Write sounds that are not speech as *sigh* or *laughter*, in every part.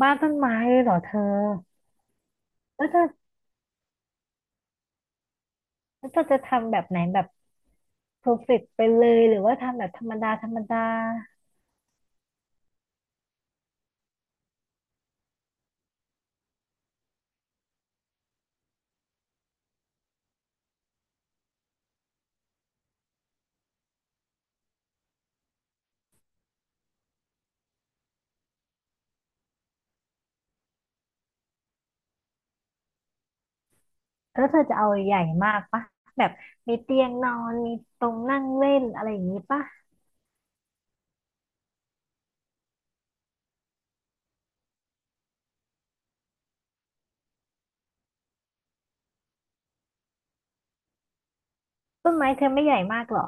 บ้านต้นไม้เลยเหรอเธอแล้วเธอแล้วเธอจะทำแบบไหนแบบเพอร์เฟกต์ไปเลยหรือว่าทำแบบธรรมดาธรรมดาแล้วเธอจะเอาใหญ่มากปะแบบมีเตียงนอนมีตรงนั่งเล่นอะไรอย่างนี้ปะต้นไม้เธอไม่ใหญ่มากเหรอ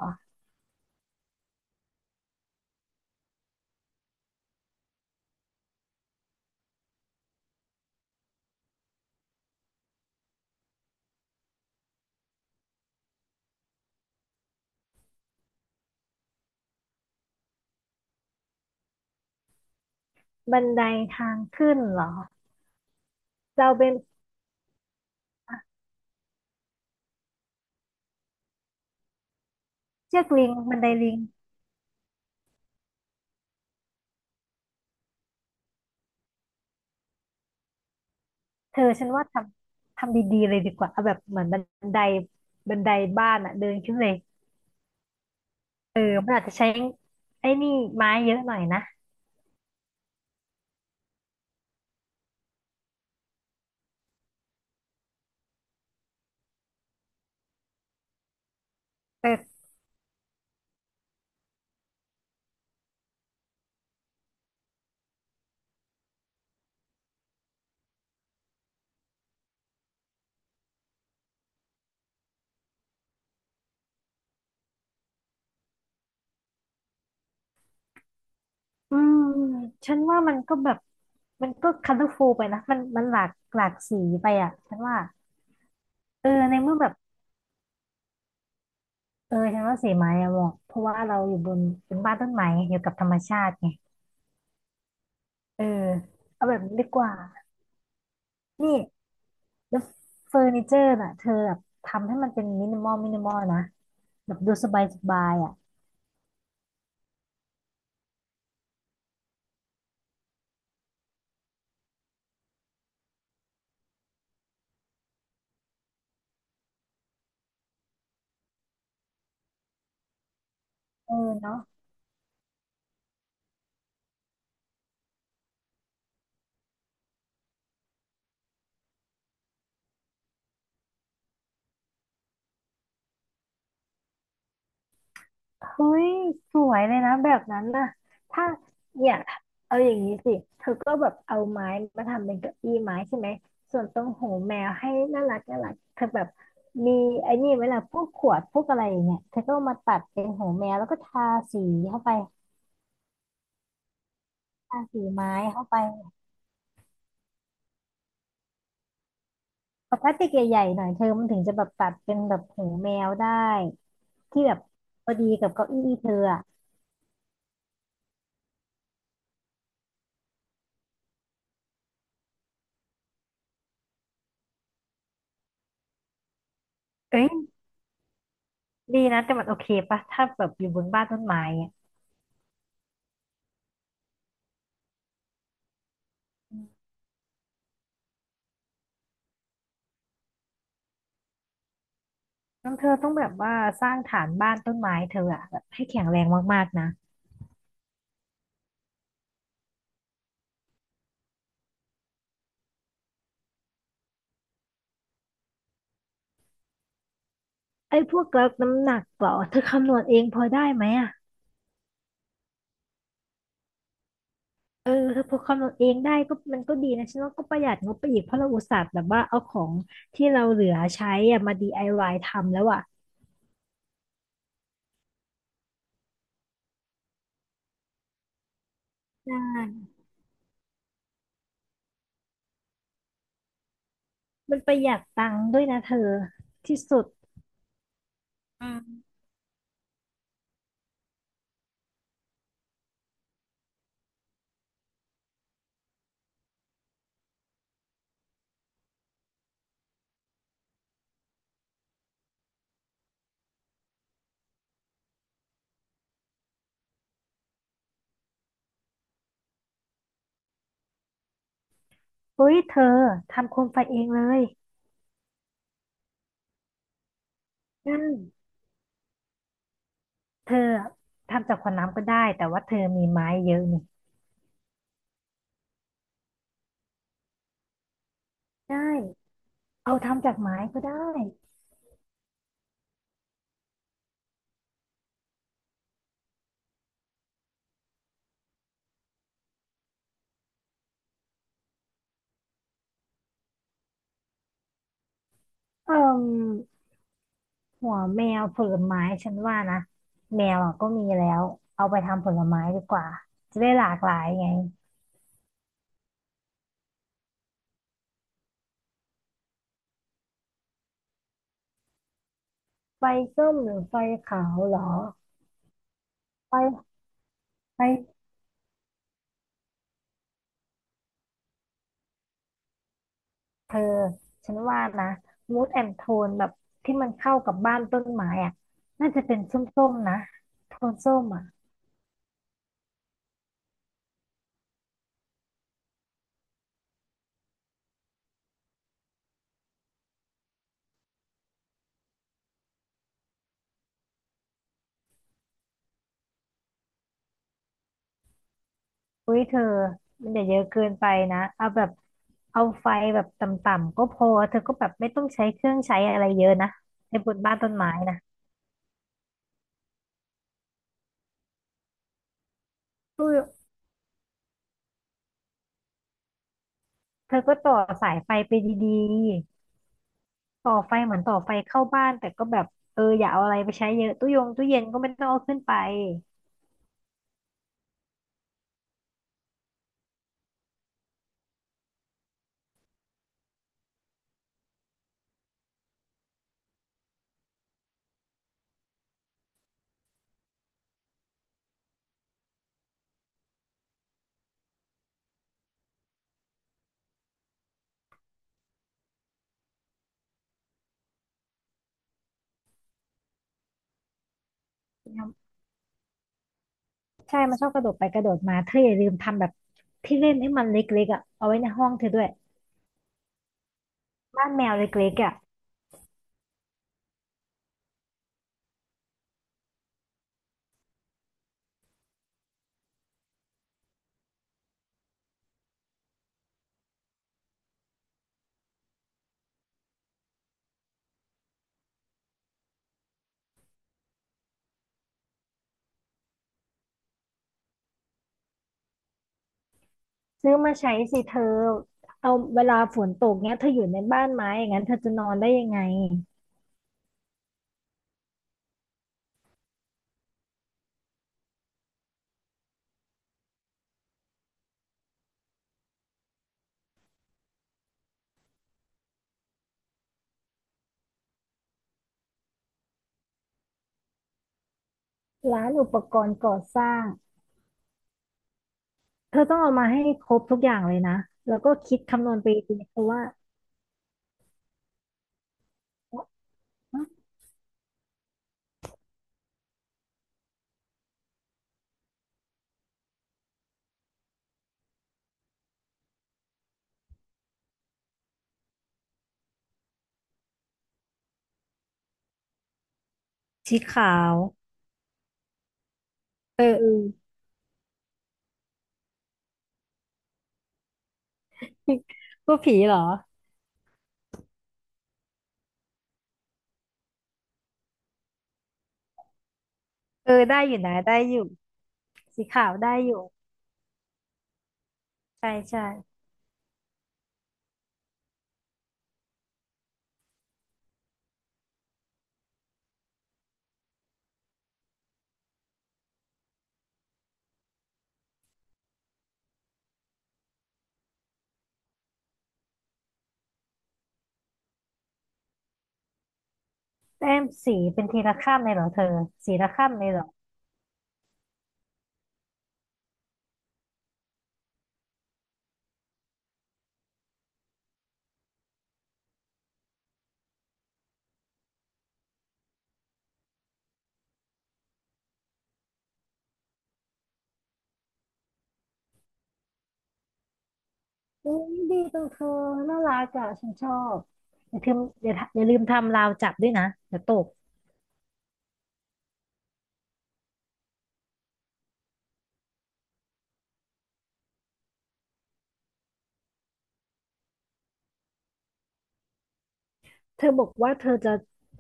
บันไดทางขึ้นเหรอเราเป็นเชือกลิงบันไดลิงเธอฉันว่าทำดีๆเลยดีกว่าเอาแบบเหมือนไดบันไดบ้านอะเดินขึ้นเลยเออมันอาจจะใช้ไอ้นี่ไม้เยอะหน่อยนะ อืมฉันว่ามันก็แบบมันก็คัลเลอร์ฟูลไปนะมันหลากสีไปอ่ะฉันว่าเออในเมื่อแบบเออฉันว่าสีไม้อะเหมาะเพราะว่าเราอยู่บนเป็นบ้านต้นไม้อยู่กับธรรมชาติไงเออเอาแบบนี้ดีกว่านี่แล้วเฟอร์นิเจอร์น่ะเธอแบบทำให้มันเป็นมินิมอลมินิมอลนะแบบดูสบายสบายอ่ะเออเนาะ เฮ้ยสวยเลยนะแบบนั้นน่ะถ้าเนี่ยเอาอย่างนี้สิเธอก็แบบเอาไม้มาทำเป็นเก้าอี้ไม้ใช่ไหมส่วนตรงหูแมวให้น่ารักน่ารักเธอแบบมีไอ้นี่เวลาพวกขวดพวกอะไรอย่างเงี้ยเธอก็เอามาตัดเป็นหูแมวแล้วก็ทาสีเข้าไปทาสีไม้เข้าไปปกติใหญ่ๆหน่อยเธอมันถึงจะแบบตัดเป็นแบบหูแมวได้ที่แบบพอดีกับเก้าอี้เธออะเอ้ยดีนะแต่มันโอเคปะถ้าแบบอยู่บนบ้านต้นไม้อะ น้องเธอต้องแบบว่าสร้างฐานบ้านต้นไม้เธออะแบบให้แข็งแรงมากๆนะไอ้พวกล้น้ำหนักเหรอเธอคำนวณเองพอได้ไหมอะเออเธอพอคำนวณเองได้ก็มันก็ดีนะฉันว่าก็ประหยัดงบไปอีกเพราะเราอุตส่าห์แบบว่าเอาของที่เราเหลือใช้อะมา DIY ทำแล้วอะใช่มันประหยัดตังค์ด้วยนะเธอที่สุดเฮ้ยเธอทำโคมไฟเองเลยน่เธออะทำจากขวดน้ำก็ได้แต่ว่าเธอมีไม้เยอะนี่ได้เอาทำจากไม้ก็ได้ เอ่มหัวแมวผลไม้ฉันว่านะแมวอ่ะก็มีแล้วเอาไปทำผลไม้ดีกว่าจะได้หลากหลายไงไฟส้มหรือไฟขาวเหรอไฟไฟเธอฉันว่านะมูดแอนโทนแบบที่มันเข้ากับบ้านต้นไม้อ่ะน่าจะเป็นส้มๆนะโทนส้มอ่ะอุ้ยเธอมันอย่าเยอะเกินไปนะเอาแบบเอาไฟแบบต่ำๆก็พอเธอก็แบบไม่ต้องใช้เครื่องใช้อะไรเยอะนะในบนบ้านต้นไม้นะอุ้ย เธอก็ต่อสายไฟไปดีๆต่อไฟเหมือนต่อไฟเข้าบ้านแต่ก็แบบเอออย่าเอาอะไรไปใช้เยอะตู้ยงตู้เย็นก็ไม่ต้องเอาขึ้นไปใช่มันชอบกระโดดไปกระโดดมาเธออย่าลืมทำแบบที่เล่นให้มันเล็กๆอ่ะเอาไว้ในห้องเธอด้วยบ้านแมวเล็กๆอ่ะซื้อมาใช้สิเธอเอาเวลาฝนตกเนี้ยเธออยู่ในบ้านไม้อย่างนั้นเธอจะนอนได้ยังไงร้านอุปกรณ์ก่อสร้างเธอต้องเอามาให้ครบทุกอย่างเลยนะแล้วก็คิดคำนวณไปดีเพราะว่าสีขาว เออเออ *laughs* พูดผีเหรอเออได้อยู่นะได้อยู่สีขาวได้อยู่ใช่ใช่แต้มสีเป็นทีละข้ามเลยเหรอเธอสีละข้ามเลยเหรออุ้ยดีจังเธอน่ารักอ่ะฉันชอบอย่าลืมอย่าลืมทำราวจับด้วยนะเดี๋ยวตกเธอบอกว่าเธอจะ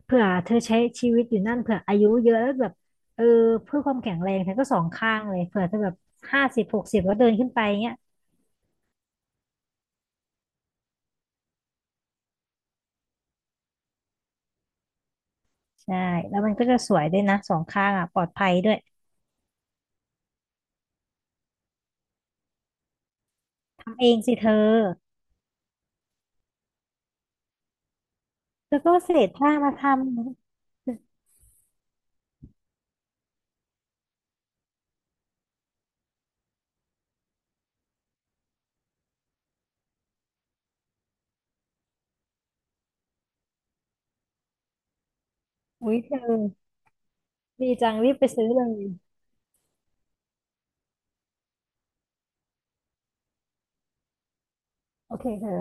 เผื่อเธอใช้ชีวิตอยู่นั่นเผื่ออายุเยอะแล้วแบบเออเพื่อความแข็งแรงเธอก็สองข้างเลยเผื่อเธอแบบ50 60แล้วเดินขึ้นไปเงี้ยใช่แล้วมันก็จะสวยด้วยนะสองข้างอ่ะปลอดภัยด้วยทำเองสิเธอ แล้วก็เศษผ้ามาทำ อุ๊ยเธอดีจังรีบไปซื้อเลยโอเคเธอ